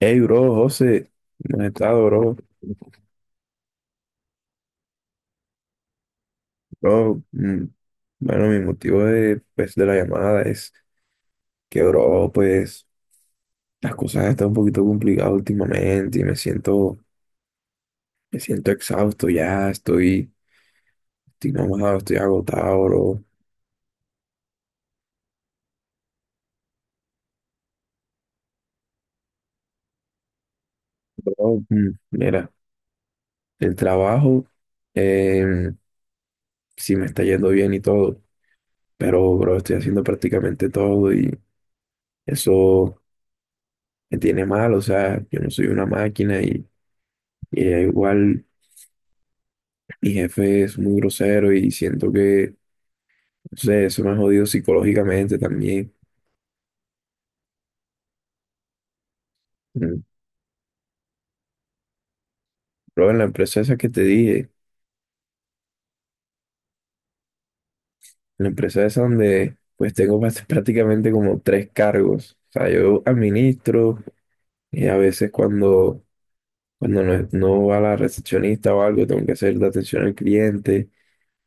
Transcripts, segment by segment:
Hey, bro, José, ¿cómo has estado, bro? Bro, bueno, mi motivo de, pues, de la llamada es que, bro, pues, las cosas están un poquito complicadas últimamente y me siento exhausto ya, estoy mamado, estoy agotado, bro. Bro, mira, el trabajo, eh, sí me está yendo bien y todo, pero, bro, estoy haciendo prácticamente todo y eso me tiene mal, o sea, yo no soy una máquina y igual. Mi jefe es muy grosero y siento que, no sé, eso me ha jodido psicológicamente también. Mm. Pero en la empresa esa que te dije, en la empresa esa donde pues tengo prácticamente como tres cargos. O sea, yo administro y a veces cuando, cuando no va la recepcionista o algo, tengo que hacer la atención al cliente.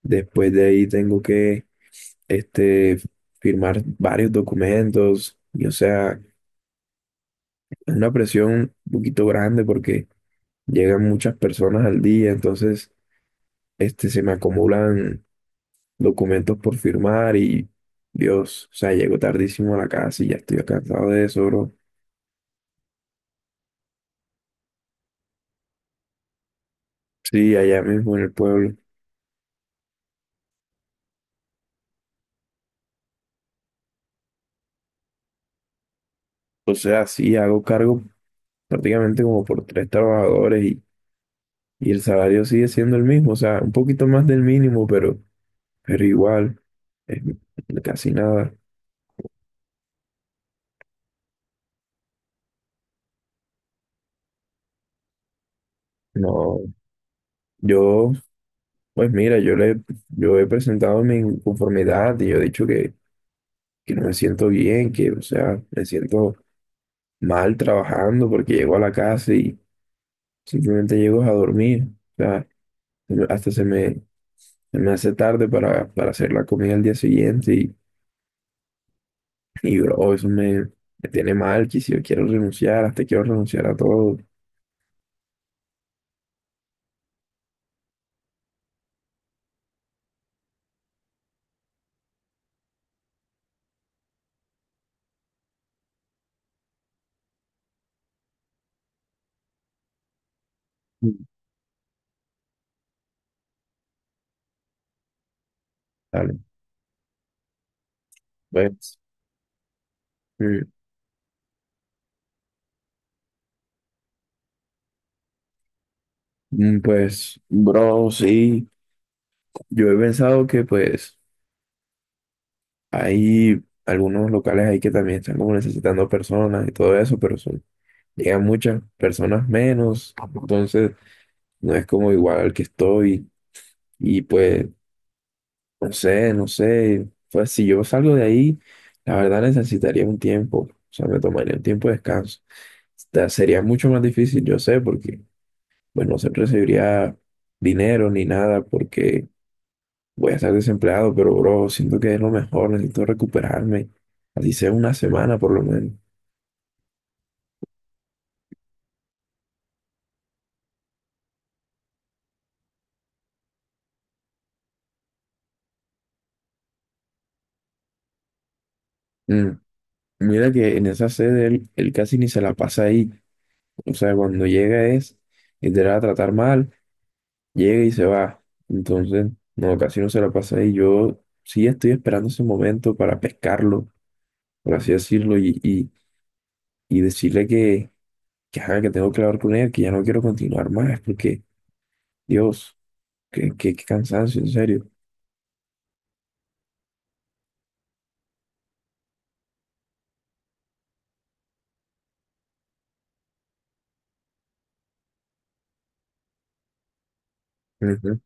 Después de ahí tengo que este, firmar varios documentos y o sea, es una presión un poquito grande porque llegan muchas personas al día, entonces se me acumulan documentos por firmar y Dios, o sea, llego tardísimo a la casa y ya estoy cansado de eso, bro. Sí, allá mismo en el pueblo. O sea, sí, hago cargo prácticamente como por tres trabajadores y el salario sigue siendo el mismo, o sea, un poquito más del mínimo, pero igual, es casi nada. No, yo, pues mira, yo he presentado mi inconformidad y yo he dicho que no me siento bien, que, o sea, me siento mal trabajando porque llego a la casa y simplemente llego a dormir. O sea, hasta se me, se me hace tarde para hacer la comida al día siguiente y bro, me tiene mal, que si yo quiero renunciar, hasta quiero renunciar a todo. Mm. Dale, pues, mm, pues, bro, sí, yo he pensado que pues hay algunos locales ahí que también están como necesitando personas y todo eso, pero son llegan muchas personas menos, entonces no es como igual al que estoy y pues no sé, no sé, pues si yo salgo de ahí, la verdad necesitaría un tiempo, o sea, me tomaría un tiempo de descanso. Sería mucho más difícil, yo sé, porque pues no se recibiría dinero ni nada porque voy a estar desempleado, pero bro, siento que es lo mejor, necesito recuperarme, así sea una semana por lo menos. Mm, mira que en esa sede él casi ni se la pasa ahí. O sea, cuando llega es literal a tratar mal, llega y se va. Entonces, no, casi no se la pasa y yo sí estoy esperando ese momento para pescarlo, por así decirlo, y decirle que, ajá, que tengo que hablar con él, que ya no quiero continuar más, porque, Dios, qué cansancio, en serio. Ujú.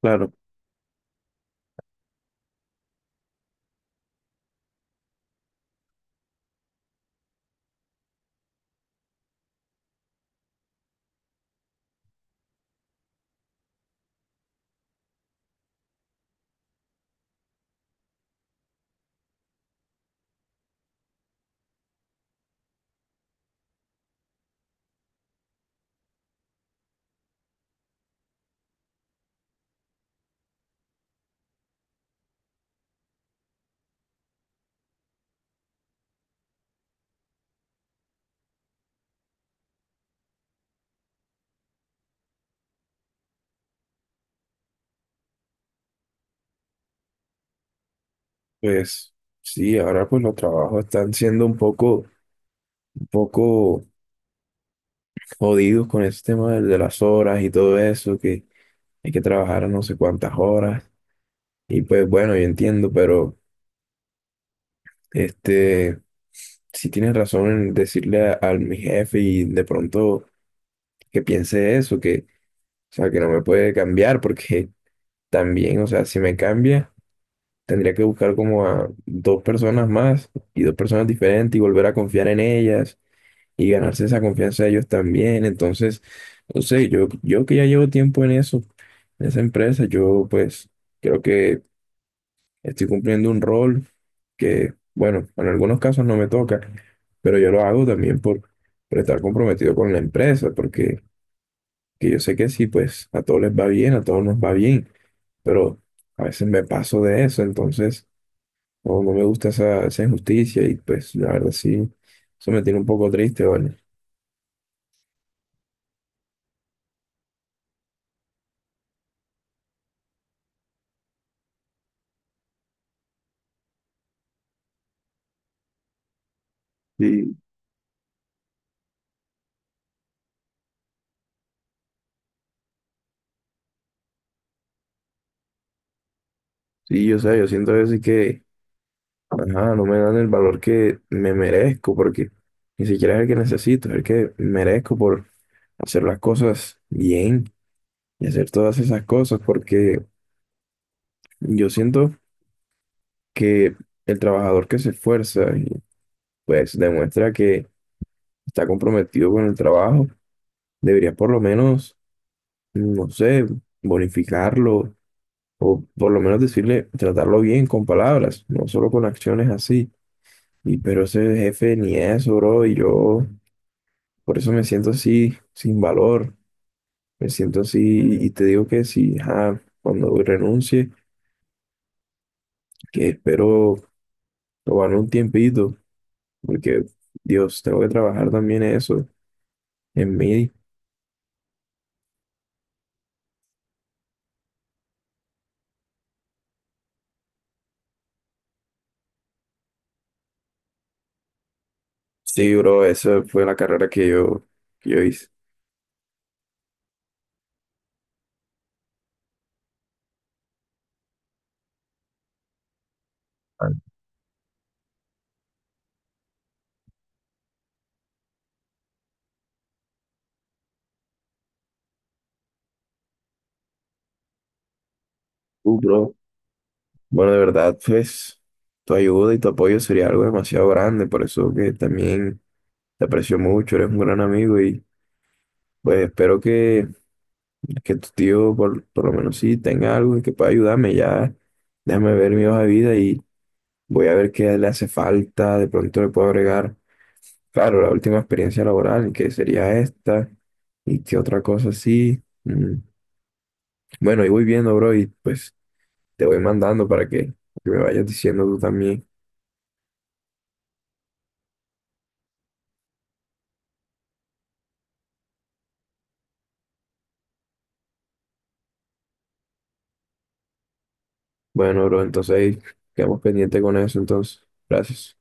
Claro, pues sí, ahora pues los trabajos están siendo un poco jodidos con ese tema de las horas y todo eso, que hay que trabajar a no sé cuántas horas. Y pues bueno, yo entiendo, pero este, si tienes razón en decirle al mi jefe y de pronto que piense eso, que, o sea, que no me puede cambiar, porque también, o sea, si me cambia, tendría que buscar como a dos personas más y dos personas diferentes y volver a confiar en ellas y ganarse esa confianza de ellos también. Entonces, no sé, yo que ya llevo tiempo en eso, en esa empresa, yo pues creo que estoy cumpliendo un rol que, bueno, en algunos casos no me toca, pero yo lo hago también por estar comprometido con la empresa, porque que yo sé que sí, pues a todos les va bien, a todos nos va bien, pero a veces me paso de eso, entonces no me gusta esa, esa injusticia y pues la verdad sí, eso me tiene un poco triste, ¿vale? Sí, sí, yo sé, yo siento a veces que, ajá, no me dan el valor que me merezco, porque ni siquiera es el que necesito, es el que merezco por hacer las cosas bien y hacer todas esas cosas, porque yo siento que el trabajador que se esfuerza y pues demuestra que está comprometido con el trabajo, debería por lo menos, no sé, bonificarlo o por lo menos decirle, tratarlo bien con palabras, no solo con acciones así. Y pero ese jefe ni eso, bro, y yo por eso me siento así, sin valor, me siento así y te digo que si, ajá, cuando renuncie que espero tomarme un tiempito, porque, Dios, tengo que trabajar también eso en mí. Sí, bro, esa fue la carrera que yo hice. Ah, tú, bro. Bueno, de verdad, pues, tu ayuda y tu apoyo sería algo demasiado grande, por eso que también te aprecio mucho, eres un gran amigo y pues espero que tu tío por lo menos sí tenga algo y que pueda ayudarme. Ya déjame ver mi hoja de vida y voy a ver qué le hace falta, de pronto le puedo agregar. Claro, la última experiencia laboral, que sería esta, y qué otra cosa así. Mm, bueno, y voy viendo, bro, y pues te voy mandando para que me vayas diciendo tú también. Bueno, bro, entonces ahí quedamos pendiente con eso, entonces. Gracias.